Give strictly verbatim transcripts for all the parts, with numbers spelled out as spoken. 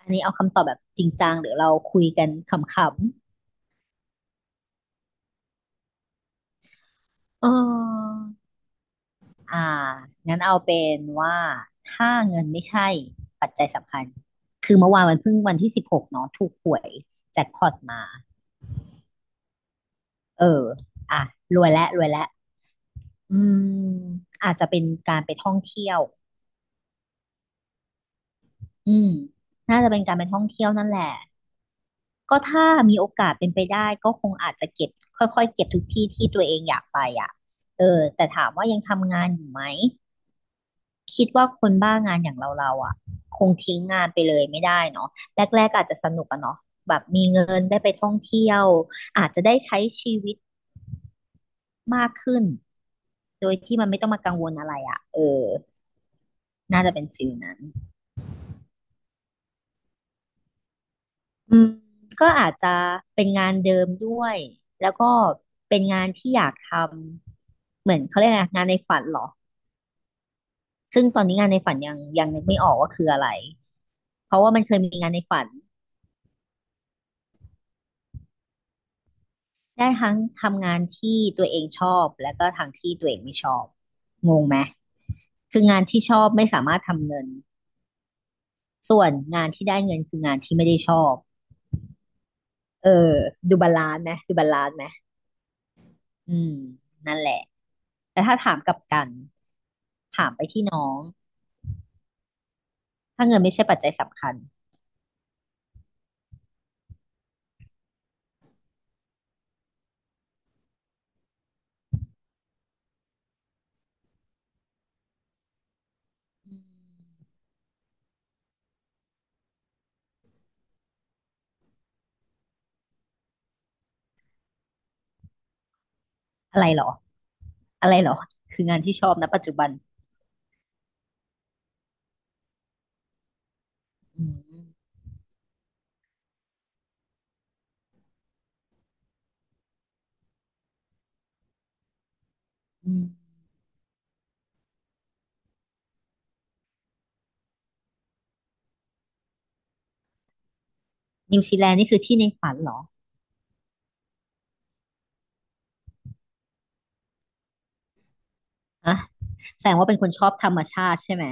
อันนี้เอาคำตอบแบบจริงจังหรือเราคุยกันขำๆเอออ่างั้นเอาเป็นว่าถ้าเงินไม่ใช่ปัจจัยสำคัญ คือเมื่อวานมันเพิ่งวันที่สิบหกเนาะถูกหวยแจ็คพอตมาเอออ่ะรวยแล้วรวยแล้วอืมอาจจะเป็นการไปท่องเที่ยวอืมน่าจะเป็นการไปท่องเที่ยวนั่นแหละ ก็ถ้ามีโอกาสเป็นไปได้ก็คงอาจจะเก็บค่อยๆเก็บทุกที่ที่ตัวเองอยากไปอ่ะเออแต่ถามว่ายังทำงานอยู่ไหม คิดว่าคนบ้างานอย่างเราเราอ่ะคงทิ้งงานไปเลยไม่ได้เนาะแรกๆก็อาจจะสนุกอะเนาะแบบมีเงินได้ไปท่องเที่ยวอาจจะได้ใช้ชีวิตมากขึ้นโดยที่มันไม่ต้องมากังวลอะไรอ่ะเออน่าจะเป็นฟิลนั้นอืมก็อาจจะเป็นงานเดิมด้วยแล้วก็เป็นงานที่อยากทำเหมือนเขาเรียกไงงานในฝันเหรอซึ่งตอนนี้งานในฝันยังยังนึกไม่ออกว่าคืออะไรเพราะว่ามันเคยมีงานในฝัน ได้ทั้งทำงานที่ตัวเองชอบแล้วก็ทางที่ตัวเองไม่ชอบงงไหมคืองานที่ชอบไม่สามารถทำเงินส่วนงานที่ได้เงินคืองานที่ไม่ได้ชอบเออดูบาลานซ์ไหมดูบาลานซ์ไหมอืมนั่นแหละแต่ถ้าถามกลับกันถามไปที่น้องถ้าเงินไม่ใช่ปัจจัยสำคัญอะไรหรออะไรหรอคืองานที่ชอบนะปัจจุบันอืมอืมนิวซีแลนด์นี่คือที่ในฝันเหรออะแสดงว่าเป็นคนชอบธรรมชาติใช่ไหม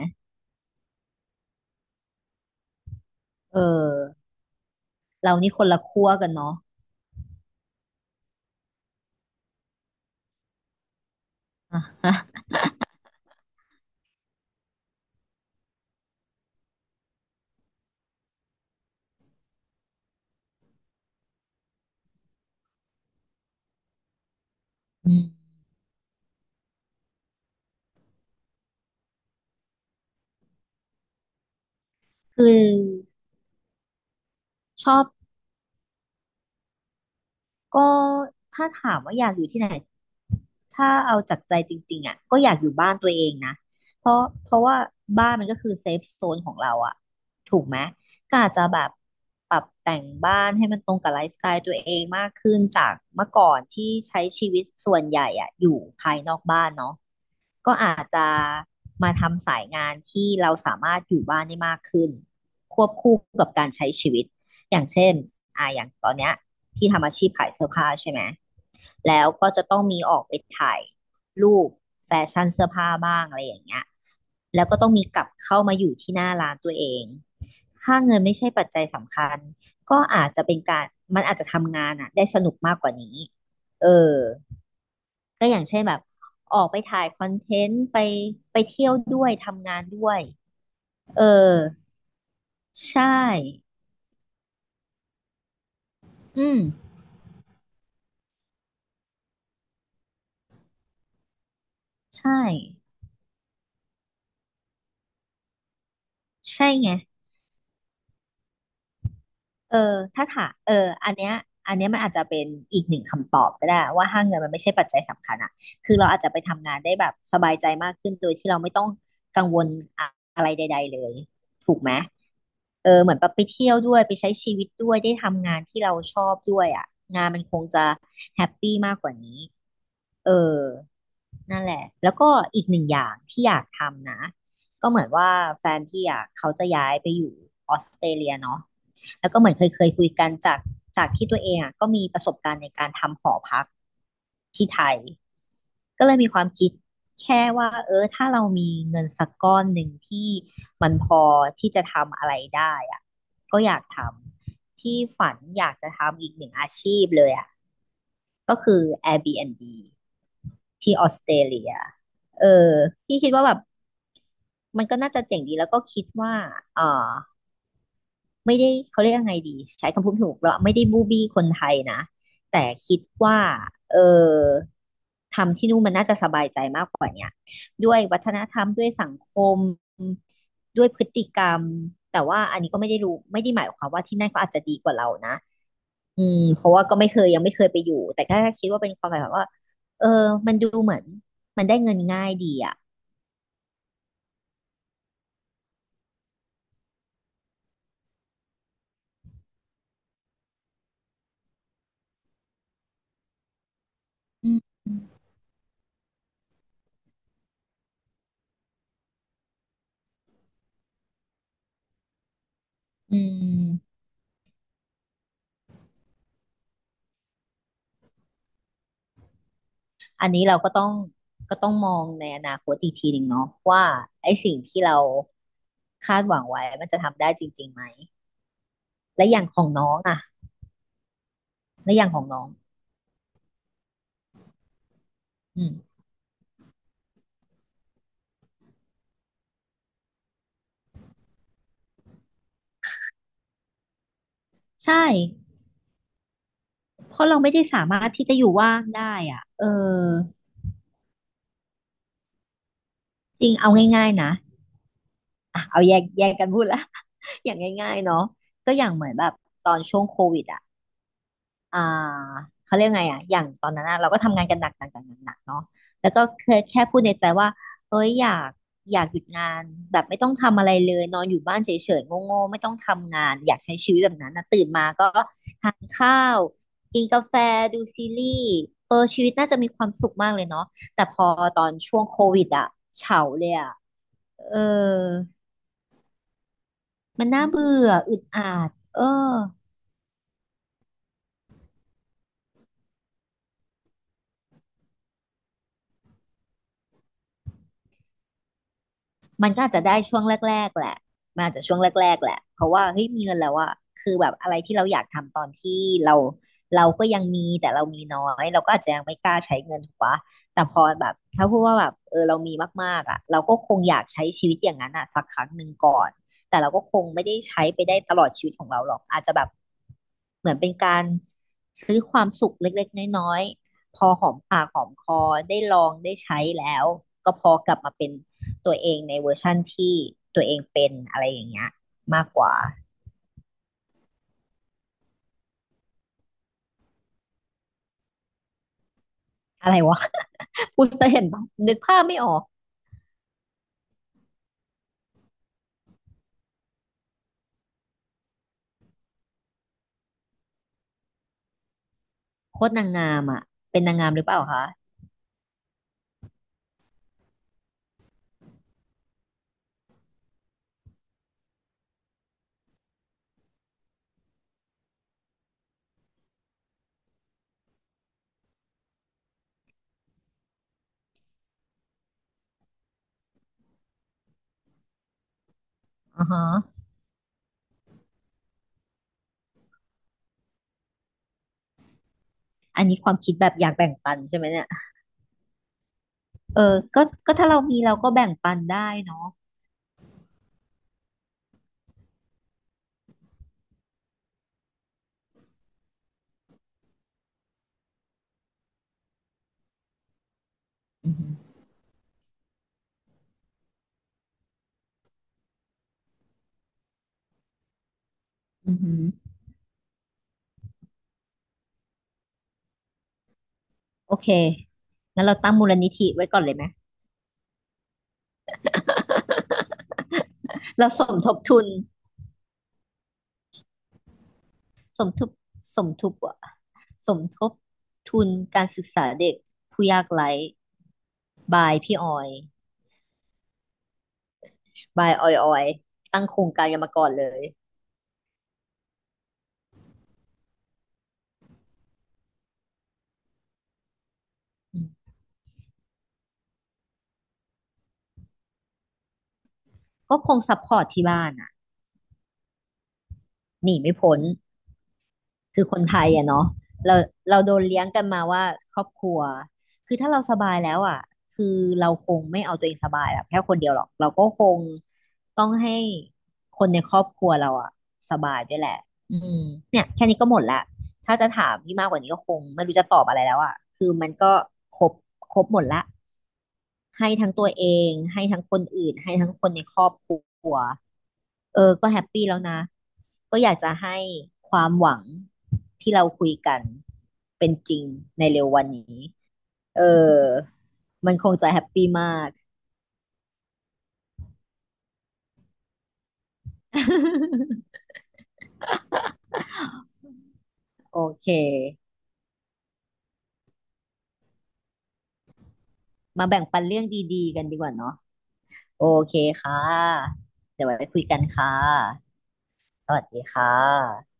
เออ เรานี่คนละขั้วกันเนาะอ่ะอืมคือชอบก็ถ้าถามว่าอยากอยู่ที่ไหน ถ้าเอาจากใจจริงๆอ่ะก็อยากอยู่บ้านตัวเองนะ เพราะเพราะว่าบ้านมันก็คือเซฟโซนของเราอ่ะถูกไหมก็อาจจะแบบปรับแต่งบ้านให้มันตรงกับไลฟ์สไตล์ตัวเองมากขึ้นจากเมื่อก่อนที่ใช้ชีวิตส่วนใหญ่อะอยู่ภายนอกบ้านเนาะ ก็อาจจะมาทำสายงานที่เราสามารถอยู่บ้านได้มากขึ้นควบคู่กับการใช้ชีวิตอย่างเช่นอ่าอย่างตอนเนี้ยพี่ทำอาชีพขายเสื้อผ้าใช่ไหมแล้วก็จะต้องมีออกไปถ่ายรูปแฟชั่นเสื้อผ้าบ้างอะไรอย่างเงี้ยแล้วก็ต้องมีกลับเข้ามาอยู่ที่หน้าร้านตัวเองถ้าเงินไม่ใช่ปัจจัยสำคัญก็อาจจะเป็นการมันอาจจะทำงานอ่ะได้สนุกมากกว่านี้เออ ก็อย่างเช่นแบบออกไปถ่ายคอนเทนต์ไปไปเที่ยวด้วยทำงานด้วย เออใช่ อืมใช่ใช่ไง เออถ้าถามเอออันเนี้ยอันเนี้ยมันอาจจะเป็นอีกหนึ่งคำตอบก็ได้ว่าถ้าเงินมันไม่ใช่ปัจจัยสำคัญอะคือเราอาจจะไปทำงานได้แบบสบายใจมากขึ้นโดยที่เราไม่ต้องกังวลอะอะไรใดๆเลยถูกไหมเออเหมือนแบบไปเที่ยวด้วยไปใช้ชีวิตด้วยได้ทำงานที่เราชอบด้วยอะงานมันคงจะแฮปปี้มากกว่านี้เออนั่นแหละแล้วก็อีกหนึ่งอย่างที่อยากทำนะก็เหมือนว่าแฟนพี่อะเขาจะย้ายไปอยู่ออสเตรเลียเนาะ แล้วก็เหมือนเคยเคยคุยกันจากจากที่ตัวเองอ่ะก็มีประสบการณ์ในการทำหอพักที่ไทยก็เลยมีความคิดแค่ว่าเออถ้าเรามีเงินสักก้อนหนึ่งที่มันพอที่จะทำอะไรได้อ่ะก็อยากทำที่ฝันอยากจะทำอีกหนึ่งอาชีพเลยอ่ะก็คือ Airbnb ที่ออสเตรเลียเออพี่คิดว่าแบบมันก็น่าจะเจ๋งดีแล้วก็คิดว่าเออ ไม่ได้เขาเรียกยังไงดีใช้คำพูดถูกเราไม่ได้บูบี้คนไทยนะแต่คิดว่าเออทำที่นู่นมันน่าจะสบายใจมากกว่าเนี่ยด้วยวัฒนธรรมด้วยสังคมด้วยพฤติกรรมแต่ว่าอันนี้ก็ไม่ได้รู้ไม่ได้หมายความว่าที่นั่นเขาอาจจะดีกว่าเรานะอืมเพราะว่าก็ไม่เคยยังไม่เคยไปอยู่แต่ก็คิดว่าเป็นความหมายแบบว่าเออมันดูเหมือนมันได้เงินง่ายดีอ่ะอืมอืม อันนี้เราก็ต้องก็ต้องมองในอนาคตอีกทีหนึ่งเนาะว่าไอ้สิ่งที่เราคาดหวังไว้มันจะทำได้จริงๆไหมและอย่างของน้องอะและอย่างของน้องอืมใช่เพราะเราไม่ได้สามารถที่จะอยู่ว่างได้อ่ะเออจริงเอาง่ายๆนะอ่ะเอาแยกแยกกันพูดละ อย่างง่ายๆเนาะก็อย่างเหมือนแบบตอนช่วงโควิดอ่ะ อ่าเขาเรียกไงอ่ะอย่างตอนนั้นอะเราก็ทำงานกันหนักหนักหนักหนักเนาะแล้วก็เคยแค่พูดในใจว่าเอ้ยอยากอยากหยุดงานแบบไม่ต้องทำอะไรเลยนอนอยู่บ้านเฉยๆโง่ๆไม่ต้องทำงานอยากใช้ชีวิตแบบนั้นนะตื่นมาก็ทานข้าวกินกาแฟดูซีรีส์เออชีวิตน่าจะมีความสุขมากเลยเนาะแต่พอตอนช่วงโควิดอะเฉาเลยอะเออมันน่าเบื่ออึดอัดเออ มันก็อาจจะได้ช่วงแรกๆแหละมันอาจจะช่วงแรกๆแหละเพราะว่าเฮ้ยมีเงินแล้วอะคือแบบอะไรที่เราอยากทำตอนที่เราเราก็ยังมีแต่เรามีน้อยเราก็อาจจะยังไม่กล้าใช้เงินถูกปะแต่พอแบบถ้าพูดว่าแบบเออเรามีมากๆอะเราก็คงอยากใช้ชีวิตอย่างนั้นอะสักครั้งหนึ่งก่อนแต่เราก็คงไม่ได้ใช้ไปได้ตลอดชีวิตของเราหรอกอาจจะแบบเหมือนเป็นการซื้อความสุขเล็กๆน้อยๆพอหอมปากหอมคอได้ลองได้ใช้แล้วก็พอกลับมาเป็น ตัวเองในเวอร์ชั่นที่ตัวเองเป็นอะไรอย่างเงี้ยมากกว่าอะไรวะ พูดซะเห็นปะนึกภาพไม่ออกโคตรนางงามอ่ะเป็นนางงามหรือเปล่าคะอ่อฮะอันนี้ความคิดแบบอยากแบ่งปันใช่ไหมเนี่ยเออก็ก็ถ้าเรามีเราก็แบ่งปันได้เนาะอือฮึอือฮึโอเคงั้นเราตั้งมูลนิธิไว้ก่อนเลยไหมเราสมทบทุนสมทบสมทบอะสมทบทุนการศึกษาเด็กผู้ยากไร้บายพี่ออย บายออยออยตั้งโครงการกันมาก่อนเลยอืมก็คงซัพพอร์ตที่บ้านอ่ะหนีไม่พ้นคือคนไทยอ่ะเนาะเราเราโดนเลี้ยงกันมาว่าครอบครัวคือถ้าเราสบายแล้วอ่ะคือเราคงไม่เอาตัวเองสบายแบบแค่คนเดียวหรอกเราก็คงต้องให้คนในครอบครัวเราอ่ะสบายด้วยแหละอืมเนี่ยแค่นี้ก็หมดละถ้าจะถามพี่มากกว่านี้ก็คงไม่รู้จะตอบอะไรแล้วอ่ะคือมันก็ครบครบหมดละ ให้ทั้งตัวเองให้ทั้งคนอื่นให้ทั้งคนในครอบครัวเออก็แฮปปี้แล้วนะก็อยากจะให้ความหวังที่เราคุยกันเป็นจริงในเร็ววันนี้เออมันคงจะแฮปปี้มาก โอเคมาแบ่งปันเรื่องดีๆกันดีกว่าเนาะโอเคค่ะเดี๋ยวไว้คุยกันค่ะสวัสดีค่ะ